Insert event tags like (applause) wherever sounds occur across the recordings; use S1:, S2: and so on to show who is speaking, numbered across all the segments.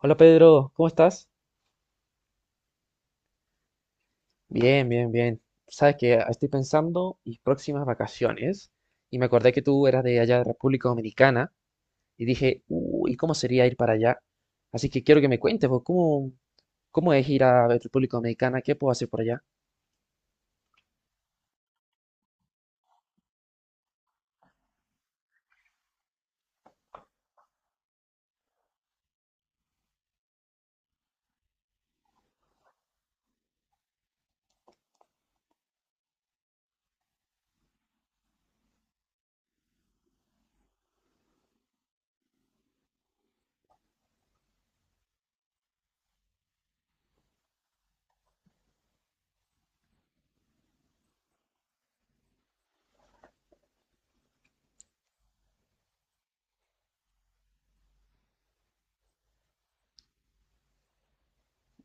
S1: Hola Pedro, ¿cómo estás? Bien, bien, bien. Sabes que estoy pensando mis próximas vacaciones y me acordé que tú eras de allá de República Dominicana y dije, uy, ¿cómo sería ir para allá? Así que quiero que me cuentes, vos, ¿cómo es ir a República Dominicana? ¿Qué puedo hacer por allá?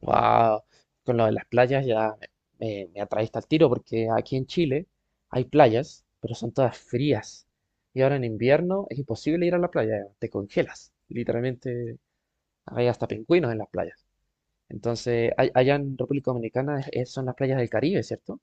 S1: Wow, con lo de las playas ya me atraíste al tiro porque aquí en Chile hay playas, pero son todas frías. Y ahora en invierno es imposible ir a la playa, te congelas, literalmente. Hay hasta pingüinos en las playas. Entonces, allá en República Dominicana son las playas del Caribe, ¿cierto?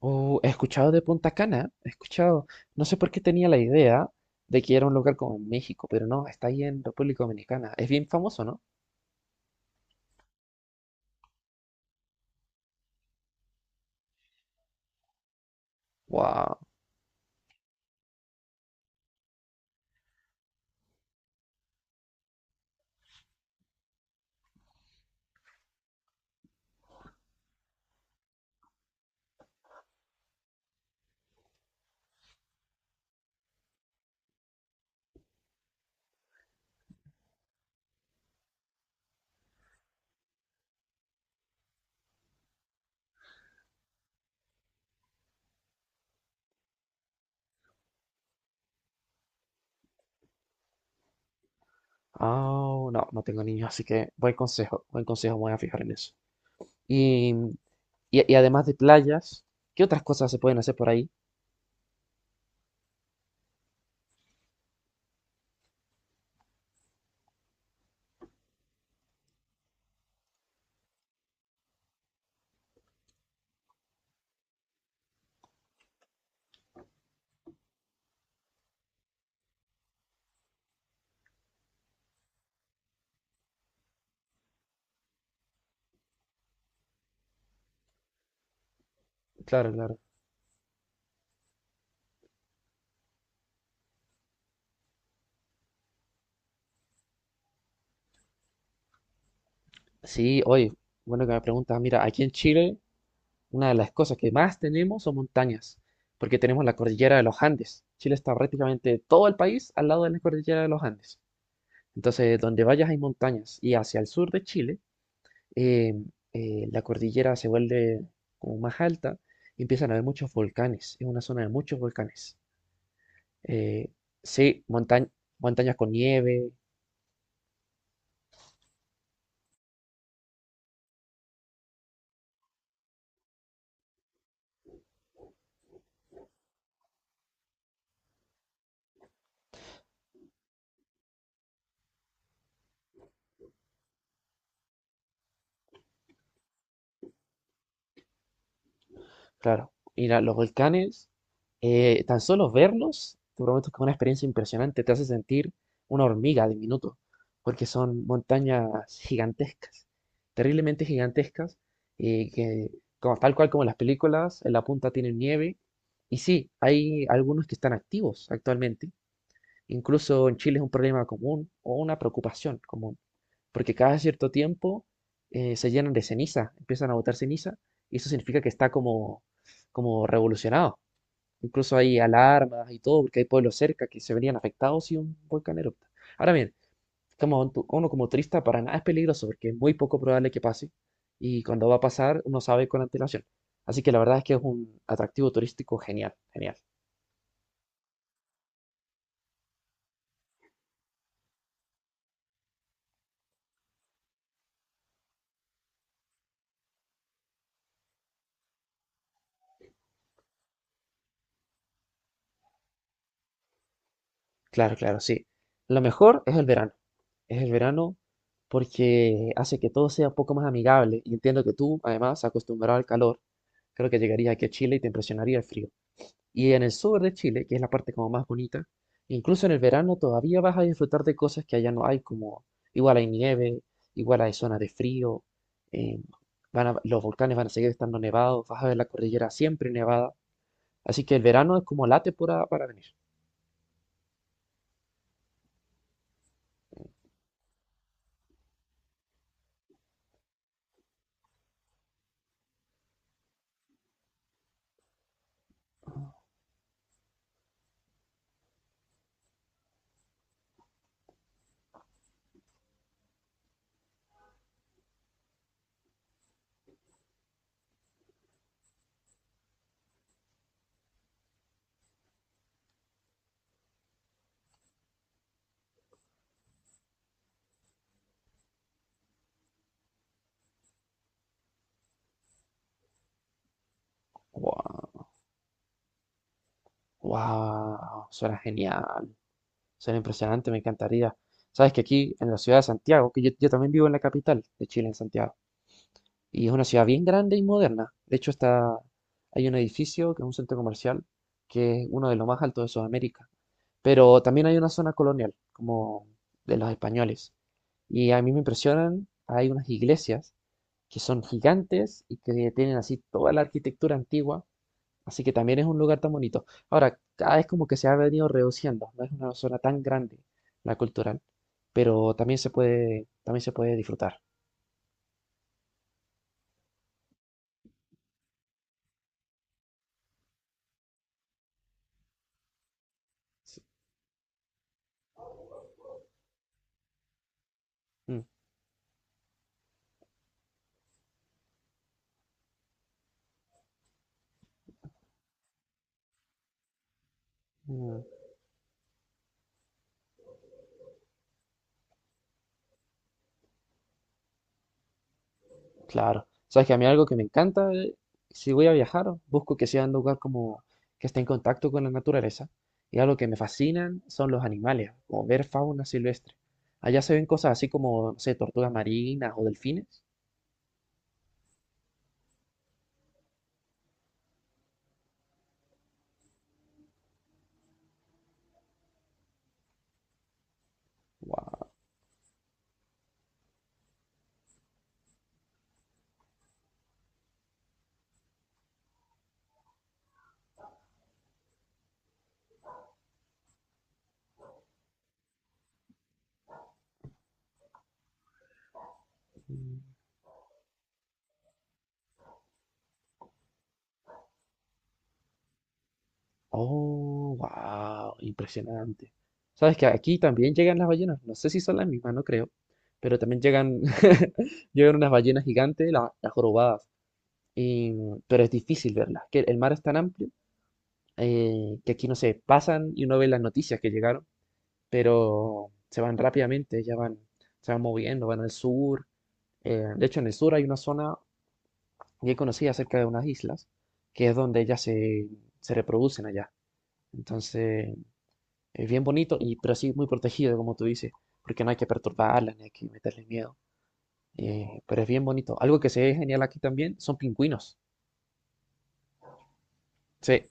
S1: Oh, he escuchado de Punta Cana, he escuchado, no sé por qué tenía la idea de que era un lugar como en México, pero no, está ahí en República Dominicana. Es bien famoso, ¿no? Wow. Ah, no, no tengo niños, así que buen consejo, me voy a fijar en eso. Y, y además de playas, ¿qué otras cosas se pueden hacer por ahí? Claro, claro. Sí, oye, bueno que me preguntas, mira, aquí en Chile una de las cosas que más tenemos son montañas, porque tenemos la cordillera de los Andes. Chile está prácticamente todo el país al lado de la cordillera de los Andes. Entonces, donde vayas hay montañas. Y hacia el sur de Chile, eh, la cordillera se vuelve como más alta y empiezan a haber muchos volcanes. Es una zona de muchos volcanes. Eh, sí, montañas con nieve. Claro, mira, los volcanes, tan solo verlos, te prometo que es una experiencia impresionante, te hace sentir una hormiga de minuto, porque son montañas gigantescas, terriblemente gigantescas, y que como, tal cual como en las películas, en la punta tienen nieve, y sí, hay algunos que están activos actualmente. Incluso en Chile es un problema común o una preocupación común porque cada cierto tiempo se llenan de ceniza, empiezan a botar ceniza, y eso significa que está como, como revolucionado. Incluso hay alarmas y todo, porque hay pueblos cerca que se verían afectados si un volcán erupta. Ahora bien, como uno como turista para nada es peligroso, porque es muy poco probable que pase, y cuando va a pasar uno sabe con antelación. Así que la verdad es que es un atractivo turístico genial, genial. Claro, claro, sí. Lo mejor es el verano. Es el verano porque hace que todo sea un poco más amigable. Y entiendo que tú, además, acostumbrado al calor, creo que llegarías aquí a Chile y te impresionaría el frío. Y en el sur de Chile, que es la parte como más bonita, incluso en el verano todavía vas a disfrutar de cosas que allá no hay, como igual hay nieve, igual hay zonas de frío, eh, los volcanes van a seguir estando nevados, vas a ver la cordillera siempre nevada. Así que el verano es como la temporada para venir. Wow, suena genial, suena impresionante, me encantaría. Sabes que aquí en la ciudad de Santiago, que yo también vivo en la capital de Chile, en Santiago, y es una ciudad bien grande y moderna. De hecho, está, hay un edificio que es un centro comercial que es uno de los más altos de Sudamérica, pero también hay una zona colonial, como de los españoles. Y a mí me impresionan, hay unas iglesias que son gigantes y que tienen así toda la arquitectura antigua. Así que también es un lugar tan bonito. Ahora, cada vez como que se ha venido reduciendo, no es una zona tan grande la cultural, pero también se puede disfrutar. Sí. Mm, mm, claro. Sabes que a mí algo que me encanta, si voy a viajar, busco que sea un lugar como que esté en contacto con la naturaleza. Y algo que me fascinan son los animales, como ver fauna silvestre. Allá se ven cosas así como, no sé, tortugas marinas o delfines. Wow. Oh, wow, impresionante. Sabes que aquí también llegan las ballenas, no sé si son las mismas, no creo, pero también llegan, (laughs) llegan unas ballenas gigantes, las jorobadas, y pero es difícil verlas, que el mar es tan amplio que aquí no se pasan y uno ve las noticias que llegaron, pero se van rápidamente, ya van, se van moviendo, van al sur. De hecho, en el sur hay una zona bien conocida cerca de unas islas, que es donde se reproducen allá. Entonces bien bonito, y, pero sí muy protegido, como tú dices, porque no hay que perturbarla, ni hay que meterle miedo. Pero es bien bonito. Algo que se ve genial aquí también son pingüinos. Sí,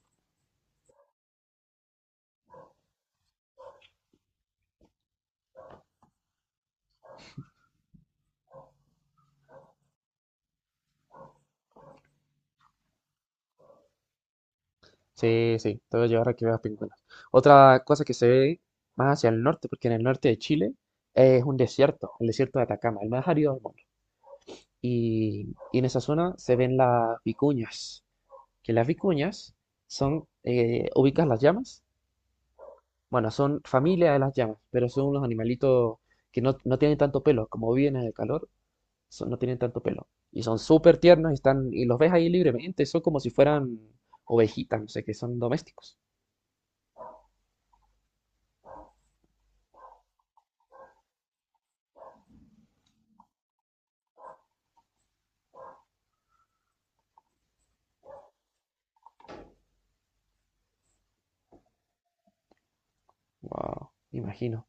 S1: sí, sí, te voy a llevar a que veas pingüinos. Otra cosa que se ve más hacia el norte, porque en el norte de Chile es un desierto, el desierto de Atacama, el más árido del mundo. Y en esa zona se ven las vicuñas, que las vicuñas son, ubicas las llamas. Bueno, son familia de las llamas, pero son unos animalitos que no tienen tanto pelo. Como viven en el calor, no tienen tanto pelo. Y son súper tiernos y, están, y los ves ahí libremente. Son como si fueran ovejitas, no sé, que son domésticos. Wow, imagino,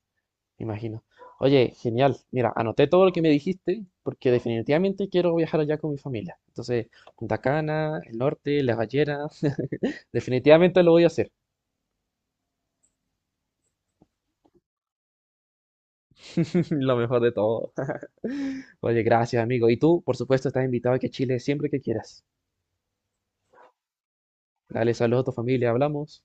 S1: imagino. Oye, genial. Mira, anoté todo lo que me dijiste porque definitivamente quiero viajar allá con mi familia. Entonces, Punta Cana, el norte, Las Ballenas. (laughs) Definitivamente lo voy a hacer. (laughs) Lo mejor de todo. (laughs) Oye, gracias, amigo. Y tú, por supuesto, estás invitado aquí a Chile siempre que quieras. Dale saludos a tu familia, hablamos.